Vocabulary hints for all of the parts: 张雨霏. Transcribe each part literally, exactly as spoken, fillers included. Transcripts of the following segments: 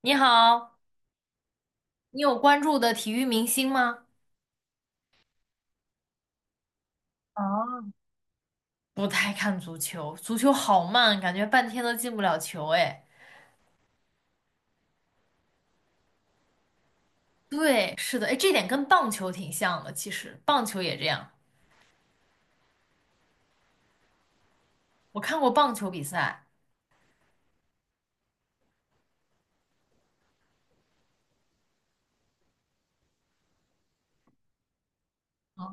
你好，你有关注的体育明星吗？哦，不太看足球，足球好慢，感觉半天都进不了球。哎，对，是的，哎，这点跟棒球挺像的，其实棒球也这样。我看过棒球比赛，啊，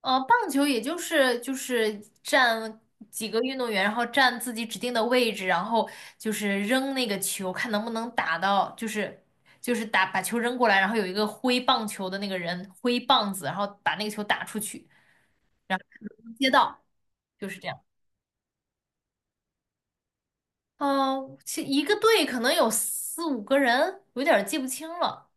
呃，棒球也就是就是站几个运动员，然后站自己指定的位置，然后就是扔那个球，看能不能打到，就是就是打把球扔过来，然后有一个挥棒球的那个人挥棒子，然后把那个球打出去。街道，就是这样。嗯，其一个队可能有四五个人，有点儿记不清了。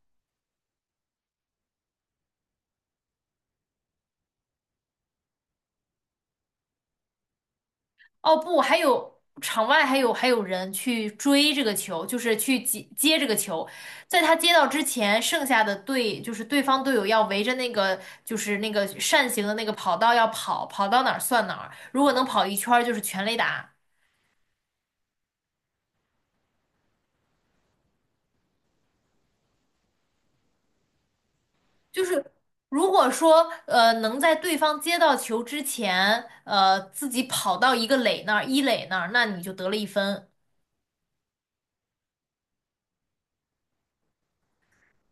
哦不，还有场外还有还有人去追这个球，就是去接接这个球，在他接到之前，剩下的队就是对方队友要围着那个就是那个扇形的那个跑道要跑，跑到哪儿算哪儿，如果能跑一圈儿就是全垒打。就是如果说呃能在对方接到球之前，呃自己跑到一个垒那儿，一垒那儿，那你就得了一分。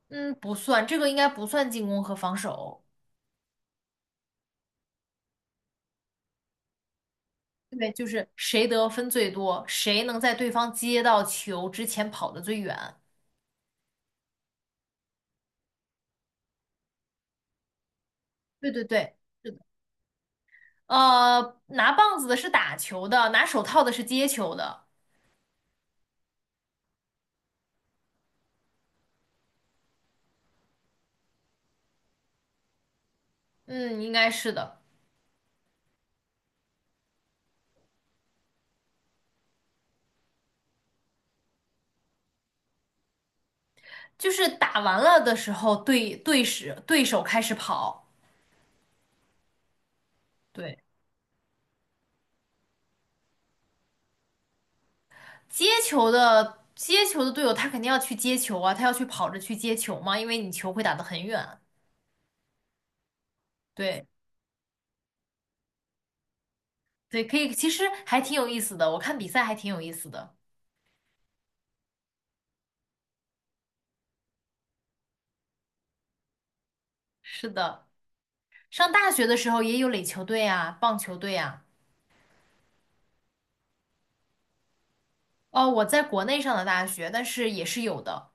嗯，不算，这个应该不算进攻和防守。对，就是谁得分最多，谁能在对方接到球之前跑得最远。对对对，是的。呃，拿棒子的是打球的，拿手套的是接球的。嗯，应该是的，就是打完了的时候，对对时对手开始跑。对。接球的接球的队友，他肯定要去接球啊，他要去跑着去接球嘛，因为你球会打得很远。对对，可以，其实还挺有意思的，我看比赛还挺有意思的。是的，上大学的时候也有垒球队啊，棒球队啊。哦，我在国内上的大学，但是也是有的。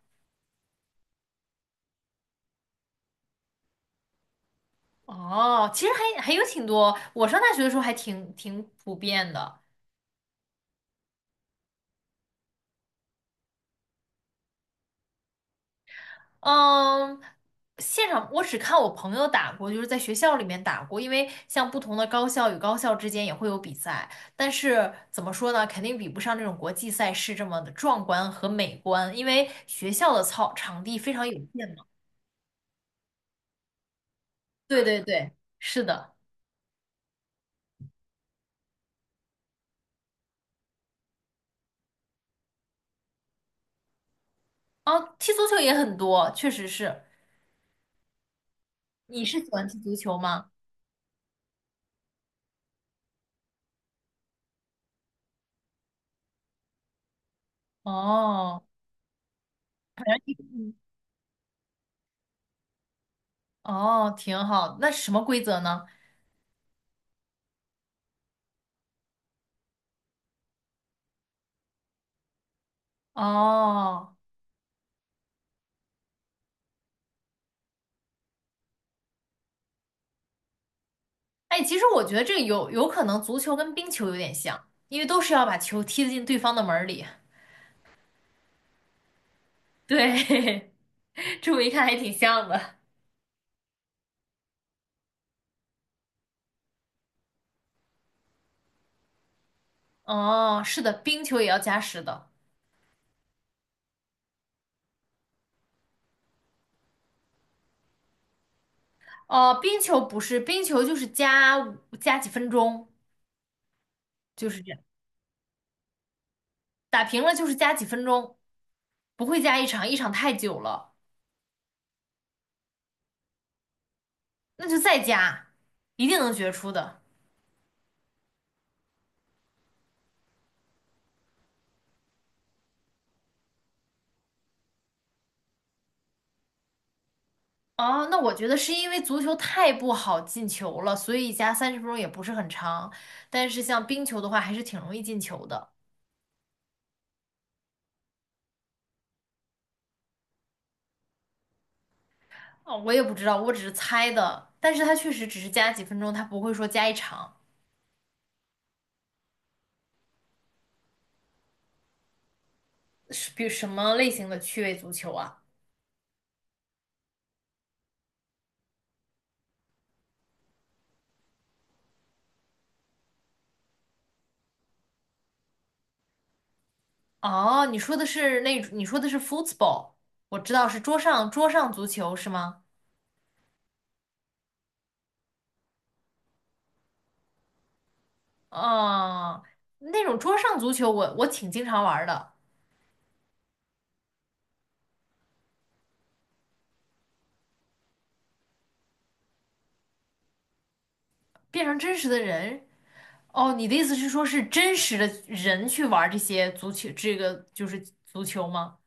哦，其实还还有挺多，我上大学的时候还挺挺普遍的。嗯，现场我只看我朋友打过，就是在学校里面打过，因为像不同的高校与高校之间也会有比赛，但是怎么说呢，肯定比不上这种国际赛事这么的壮观和美观，因为学校的操场地非常有限嘛。对对对，是的。哦，踢足球也很多，确实是。你是喜欢踢足球吗？哦，嗯，哦，挺好。那什么规则呢？哦。哎，其实我觉得这个有有可能足球跟冰球有点像，因为都是要把球踢进对方的门儿里。对，这么一看还挺像的。哦，是的，冰球也要加时的。哦，冰球不是，冰球就是加五加几分钟，就是这样，打平了就是加几分钟，不会加一场，一场太久了，那就再加，一定能决出的。哦，那我觉得是因为足球太不好进球了，所以加三十分钟也不是很长。但是像冰球的话，还是挺容易进球的。哦，我也不知道，我只是猜的。但是它确实只是加几分钟，它不会说加一场。是比什么类型的趣味足球啊？哦，你说的是那，你说的是 football，我知道是桌上桌上足球是吗？哦，那种桌上足球我我挺经常玩儿的，变成真实的人。哦，你的意思是说，是真实的人去玩这些足球，这个就是足球吗？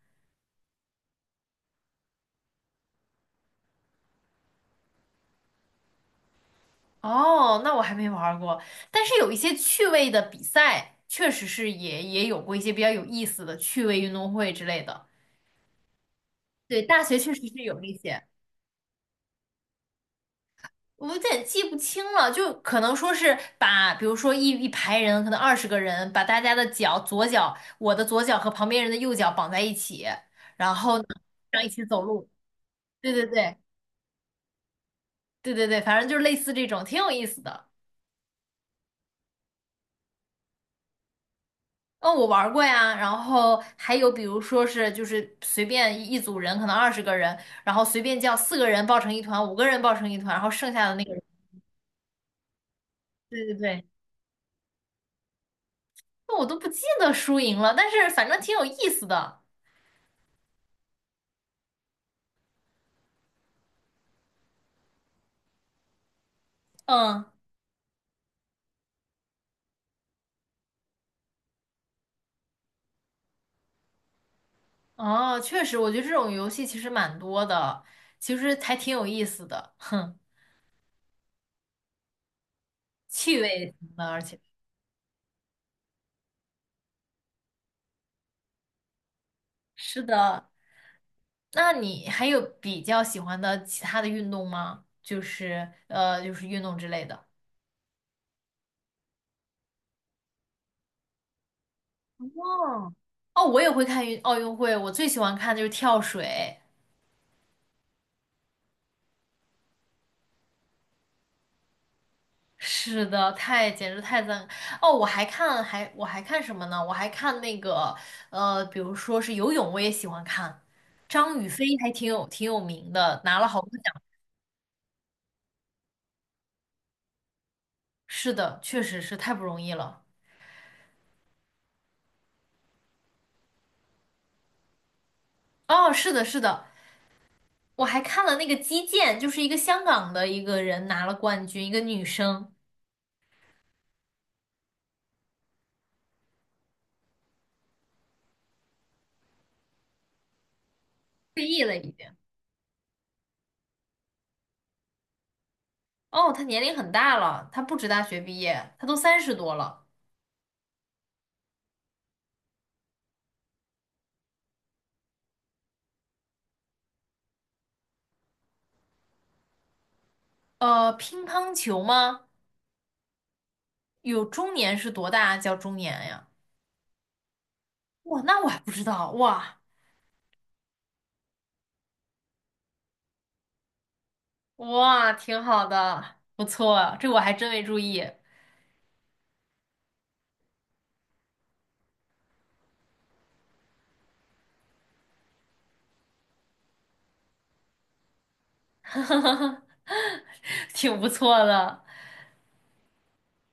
哦，那我还没玩儿过，但是有一些趣味的比赛，确实是也也有过一些比较有意思的趣味运动会之类的。对，大学确实是有那些，我有点记不清了，就可能说是把，比如说一一排人，可能二十个人，把大家的脚，左脚，我的左脚和旁边人的右脚绑在一起，然后呢，这样一起走路。对对对。对对对，反正就是类似这种，挺有意思的。嗯，我玩过呀，然后还有比如说是就是随便一一组人，可能二十个人，然后随便叫四个人抱成一团，五个人抱成一团，然后剩下的那个人，对对对，那我都不记得输赢了，但是反正挺有意思的。嗯，哦，确实，我觉得这种游戏其实蛮多的，其实还挺有意思的，哼，趣味型的，而且是的。那你还有比较喜欢的其他的运动吗？就是呃，就是运动之类的。哦，哦，我也会看运奥运会，我最喜欢看的就是跳水。是的，太简直太赞！哦，我还看还我还看什么呢？我还看那个呃，比如说是游泳，我也喜欢看。张雨霏还挺有挺有名的，拿了好多奖。是的，确实是太不容易了。哦，是的，是的，我还看了那个击剑，就是一个香港的一个人拿了冠军，一个女生退役了已经。哦，她年龄很大了，她不止大学毕业，她都三十多了。呃，乒乓球吗？有中年是多大啊叫中年呀？哇，那我还不知道。哇哇，挺好的，不错，这我还真没注意，挺不错的。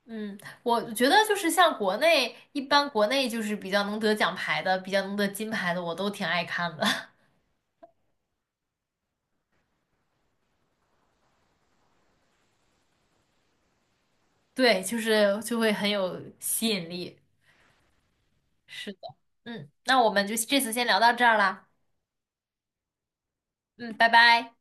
嗯，我觉得就是像国内，一般国内就是比较能得奖牌的，比较能得金牌的，我都挺爱看的。对，就是就会很有吸引力。是的，嗯，那我们就这次先聊到这儿啦。嗯，拜拜。